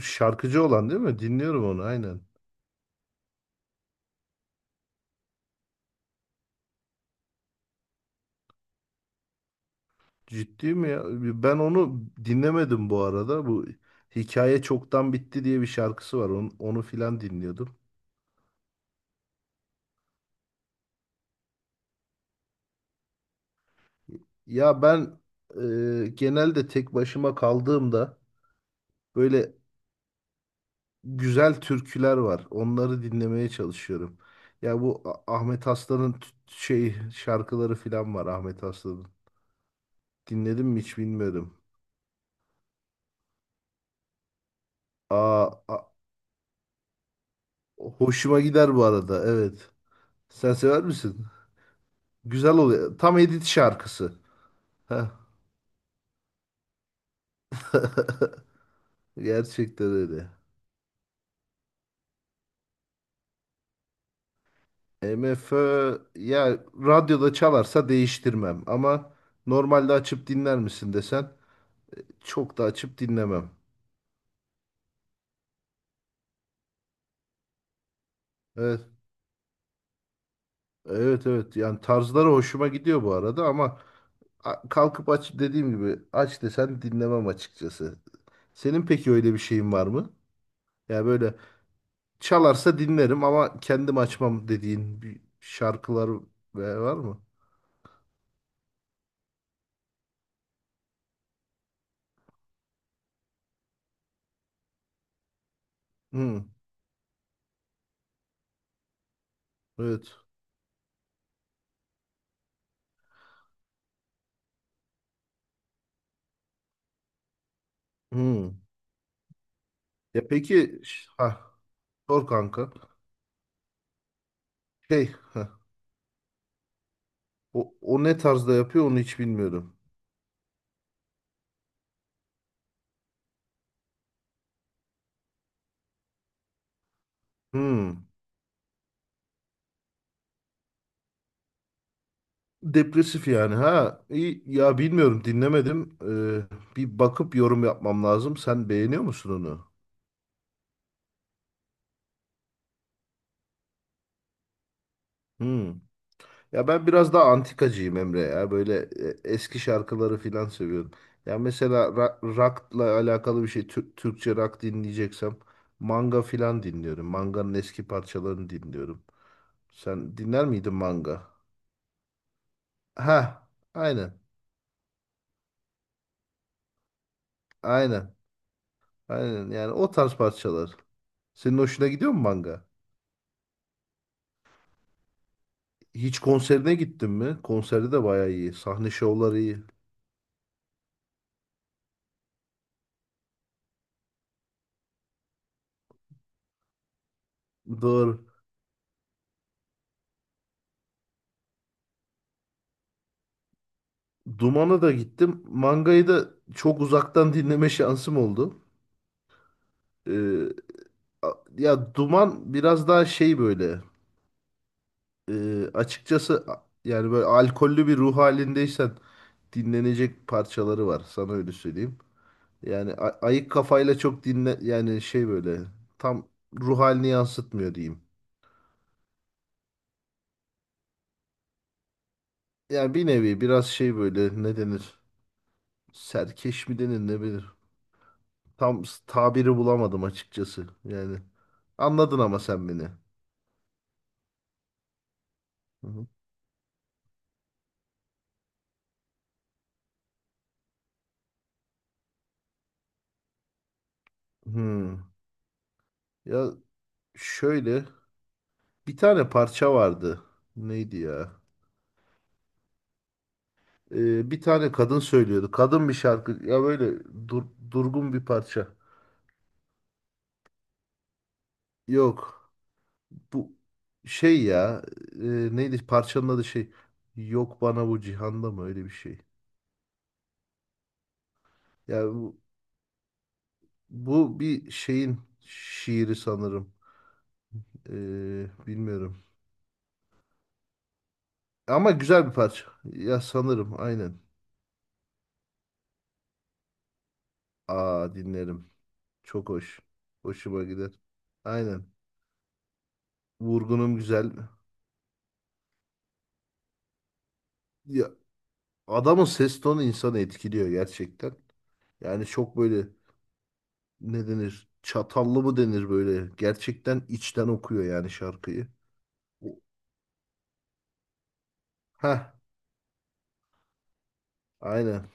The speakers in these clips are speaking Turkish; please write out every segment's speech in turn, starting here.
Şarkıcı olan değil mi? Dinliyorum onu aynen. Ciddi mi ya? Ben onu dinlemedim bu arada. Bu Hikaye Çoktan Bitti diye bir şarkısı var. Onu filan dinliyordum. Ya ben genelde tek başıma kaldığımda böyle güzel türküler var. Onları dinlemeye çalışıyorum. Ya bu Ahmet Aslan'ın şey şarkıları filan var Ahmet Aslan'ın. Dinledim mi hiç bilmiyorum. Aa, hoşuma gider bu arada. Evet. Sen sever misin? Güzel oluyor. Tam edit şarkısı. Heh, gerçekten öyle. MFÖ ya radyoda çalarsa değiştirmem ama normalde açıp dinler misin desen çok da açıp dinlemem. Evet. Evet, evet, yani tarzları hoşuma gidiyor bu arada, ama kalkıp aç dediğim gibi aç desen dinlemem açıkçası. Senin peki öyle bir şeyin var mı? Ya böyle çalarsa dinlerim ama kendim açmam dediğin bir şarkılar var mı? Hı, evet. Hı. Ya peki, ha, sor kanka. Şey, ha, o ne tarzda yapıyor onu hiç bilmiyorum. Hmm. Depresif yani ha. İyi, ya bilmiyorum, dinlemedim. Bir bakıp yorum yapmam lazım. Sen beğeniyor musun onu? Hmm. Ya ben biraz daha antikacıyım Emre ya. Böyle eski şarkıları filan seviyorum. Ya mesela rock'la alakalı bir şey, Türkçe rock dinleyeceksem manga filan dinliyorum. Manga'nın eski parçalarını dinliyorum. Sen dinler miydin manga? Ha, aynen. Aynen, aynen. Yani o tarz parçalar. Senin hoşuna gidiyor mu manga? Hiç konserine gittin mi? Konserde de bayağı iyi. Sahne şovları iyi. Doğru. Duman'a da gittim. Mangayı da çok uzaktan dinleme şansım oldu. Ee, a- ya, Duman biraz daha şey böyle. Açıkçası, yani böyle alkollü bir ruh halindeysen dinlenecek parçaları var. Sana öyle söyleyeyim. Yani ayık kafayla çok dinle, yani şey böyle tam ruh halini yansıtmıyor diyeyim. Yani bir nevi biraz şey böyle, ne denir? Serkeş mi denir, ne bilir. Tam tabiri bulamadım açıkçası. Yani anladın ama sen beni. Hı hı. Hmm. Ya şöyle, bir tane parça vardı. Neydi ya? Bir tane kadın söylüyordu. Kadın bir şarkı. Ya böyle dur- durgun bir parça. Yok. Bu şey ya, neydi parçanın adı, şey, yok bana bu cihanda mı, öyle bir şey. Ya bu bir şeyin şiiri sanırım. Bilmiyorum. Ama güzel bir parça. Ya sanırım, aynen. Aa, dinlerim. Çok hoş. Hoşuma gider. Aynen. Vurgunum güzel. Ya, adamın ses tonu insanı etkiliyor gerçekten. Yani çok böyle, ne denir? Çatallı mı denir böyle? Gerçekten içten okuyor yani şarkıyı. O, Ha, aynen.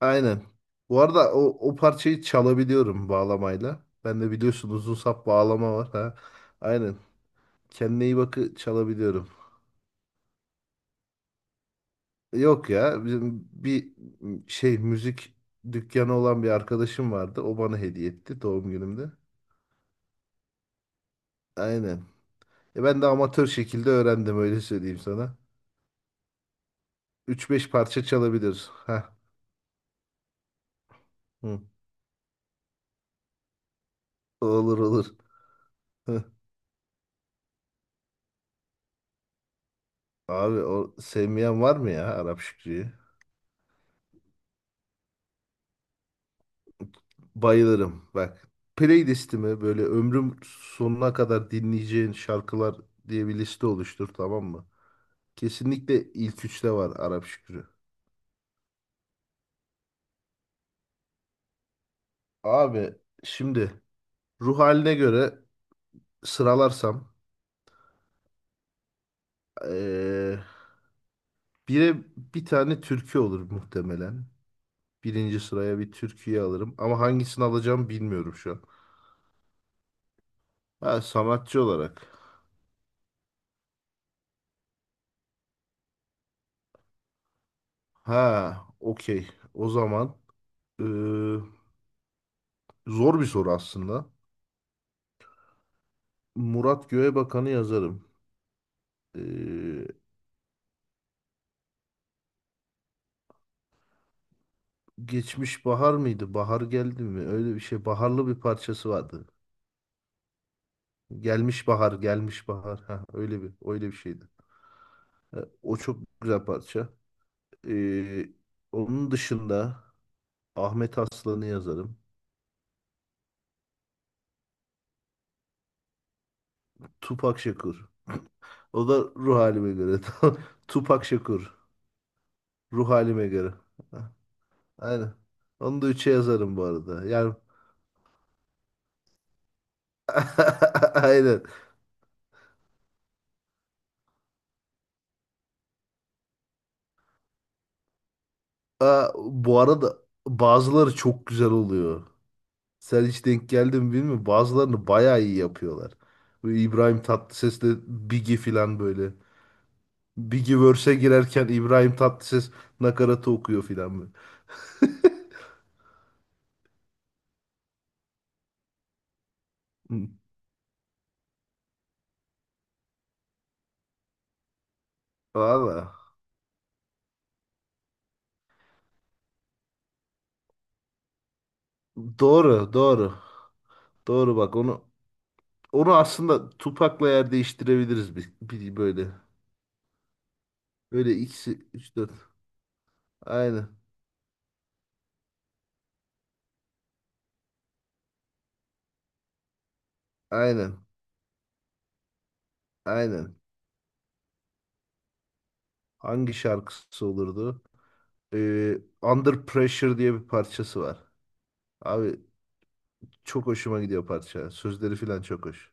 Aynen. Bu arada o parçayı çalabiliyorum bağlamayla. Ben de biliyorsun, uzun sap bağlama var ha. Aynen. Kendine iyi bakı çalabiliyorum. Yok ya, bizim bir şey, müzik dükkanı olan bir arkadaşım vardı. O bana hediye etti doğum günümde. Aynen. Ben de amatör şekilde öğrendim, öyle söyleyeyim sana. Üç beş parça çalabiliriz. Ha. Hı. Olur, olur. Hı. Abi, o sevmeyen var mı ya Arap Şükrü'yü? Bayılırım. Bak, playlistimi böyle "ömrüm sonuna kadar dinleyeceğin şarkılar" diye bir liste oluştur, tamam mı? Kesinlikle ilk üçte var Arap Şükrü. Abi, şimdi ruh haline göre sıralarsam eee bire bir tane türkü olur muhtemelen. Birinci sıraya bir türküyü alırım ama hangisini alacağım bilmiyorum şu an. Ha, sanatçı olarak. Ha, okey, o zaman eee, zor bir soru aslında. Murat Göğebakan'ı yazarım. Ee, geçmiş bahar mıydı? Bahar geldi mi? Öyle bir şey. Baharlı bir parçası vardı. Gelmiş bahar, gelmiş bahar. Ha, öyle bir şeydi. O çok güzel parça. Ee, onun dışında Ahmet Aslan'ı yazarım. Tupak Şakur. O da ruh halime göre. Tupak Şakur. Ruh halime göre. Ha, aynen. Onu da üçe yazarım bu arada. Yani aynen. Aa, bu arada bazıları çok güzel oluyor. Sen hiç denk geldin mi bilmiyorum. Bazılarını bayağı iyi yapıyorlar. Bu İbrahim Tatlıses'le Biggie falan böyle. Biggie verse'e girerken İbrahim Tatlıses nakaratı okuyor falan böyle. Hı. Valla. Doğru, doğru. Doğru, bak, onu aslında Tupac'la yer değiştirebiliriz, bir böyle. Böyle ikisi, 3 dört. Aynen. Aynen. Aynen. Hangi şarkısı olurdu? Under Pressure diye bir parçası var. Abi, çok hoşuma gidiyor parça. Sözleri falan çok hoş.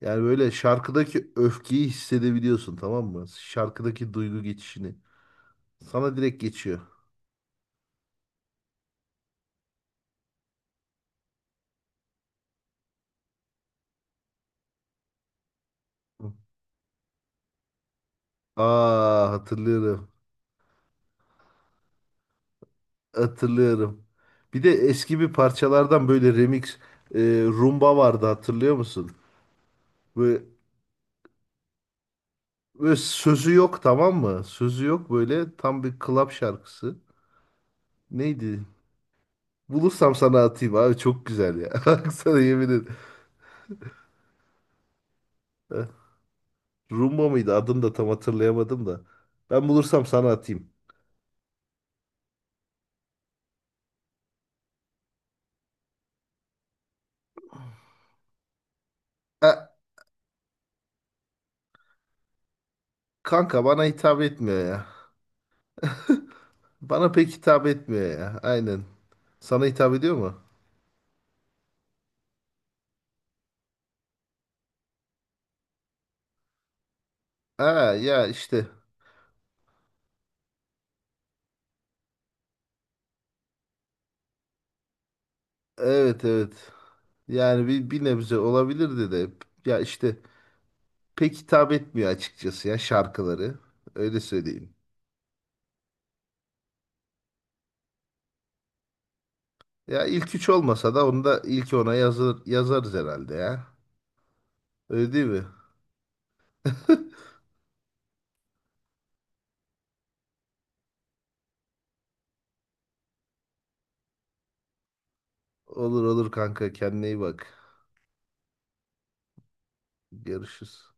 Yani böyle şarkıdaki öfkeyi hissedebiliyorsun, tamam mı? Şarkıdaki duygu geçişini. Sana direkt geçiyor. Hı. Aa, hatırlıyorum. Hatırlıyorum. Bir de eski bir parçalardan böyle remix, rumba vardı, hatırlıyor musun? Böyle, böyle, sözü yok, tamam mı? Sözü yok, böyle tam bir club şarkısı. Neydi? Bulursam sana atayım abi, çok güzel ya. Bak, sana yemin ederim. Eh, Rumba mıydı? Adını da tam hatırlayamadım da. Ben bulursam sana atayım. E, kanka bana hitap etmiyor ya. Bana pek hitap etmiyor ya. Aynen. Sana hitap ediyor mu? Ha, ya işte. Evet, evet. Yani bir nebze olabilirdi de. Ya işte, pek hitap etmiyor açıkçası ya şarkıları. Öyle söyleyeyim. Ya ilk üç olmasa da onu da ilk ona yazarız herhalde ya. Öyle değil mi? Olur, olur kanka, kendine iyi bak. Görüşürüz.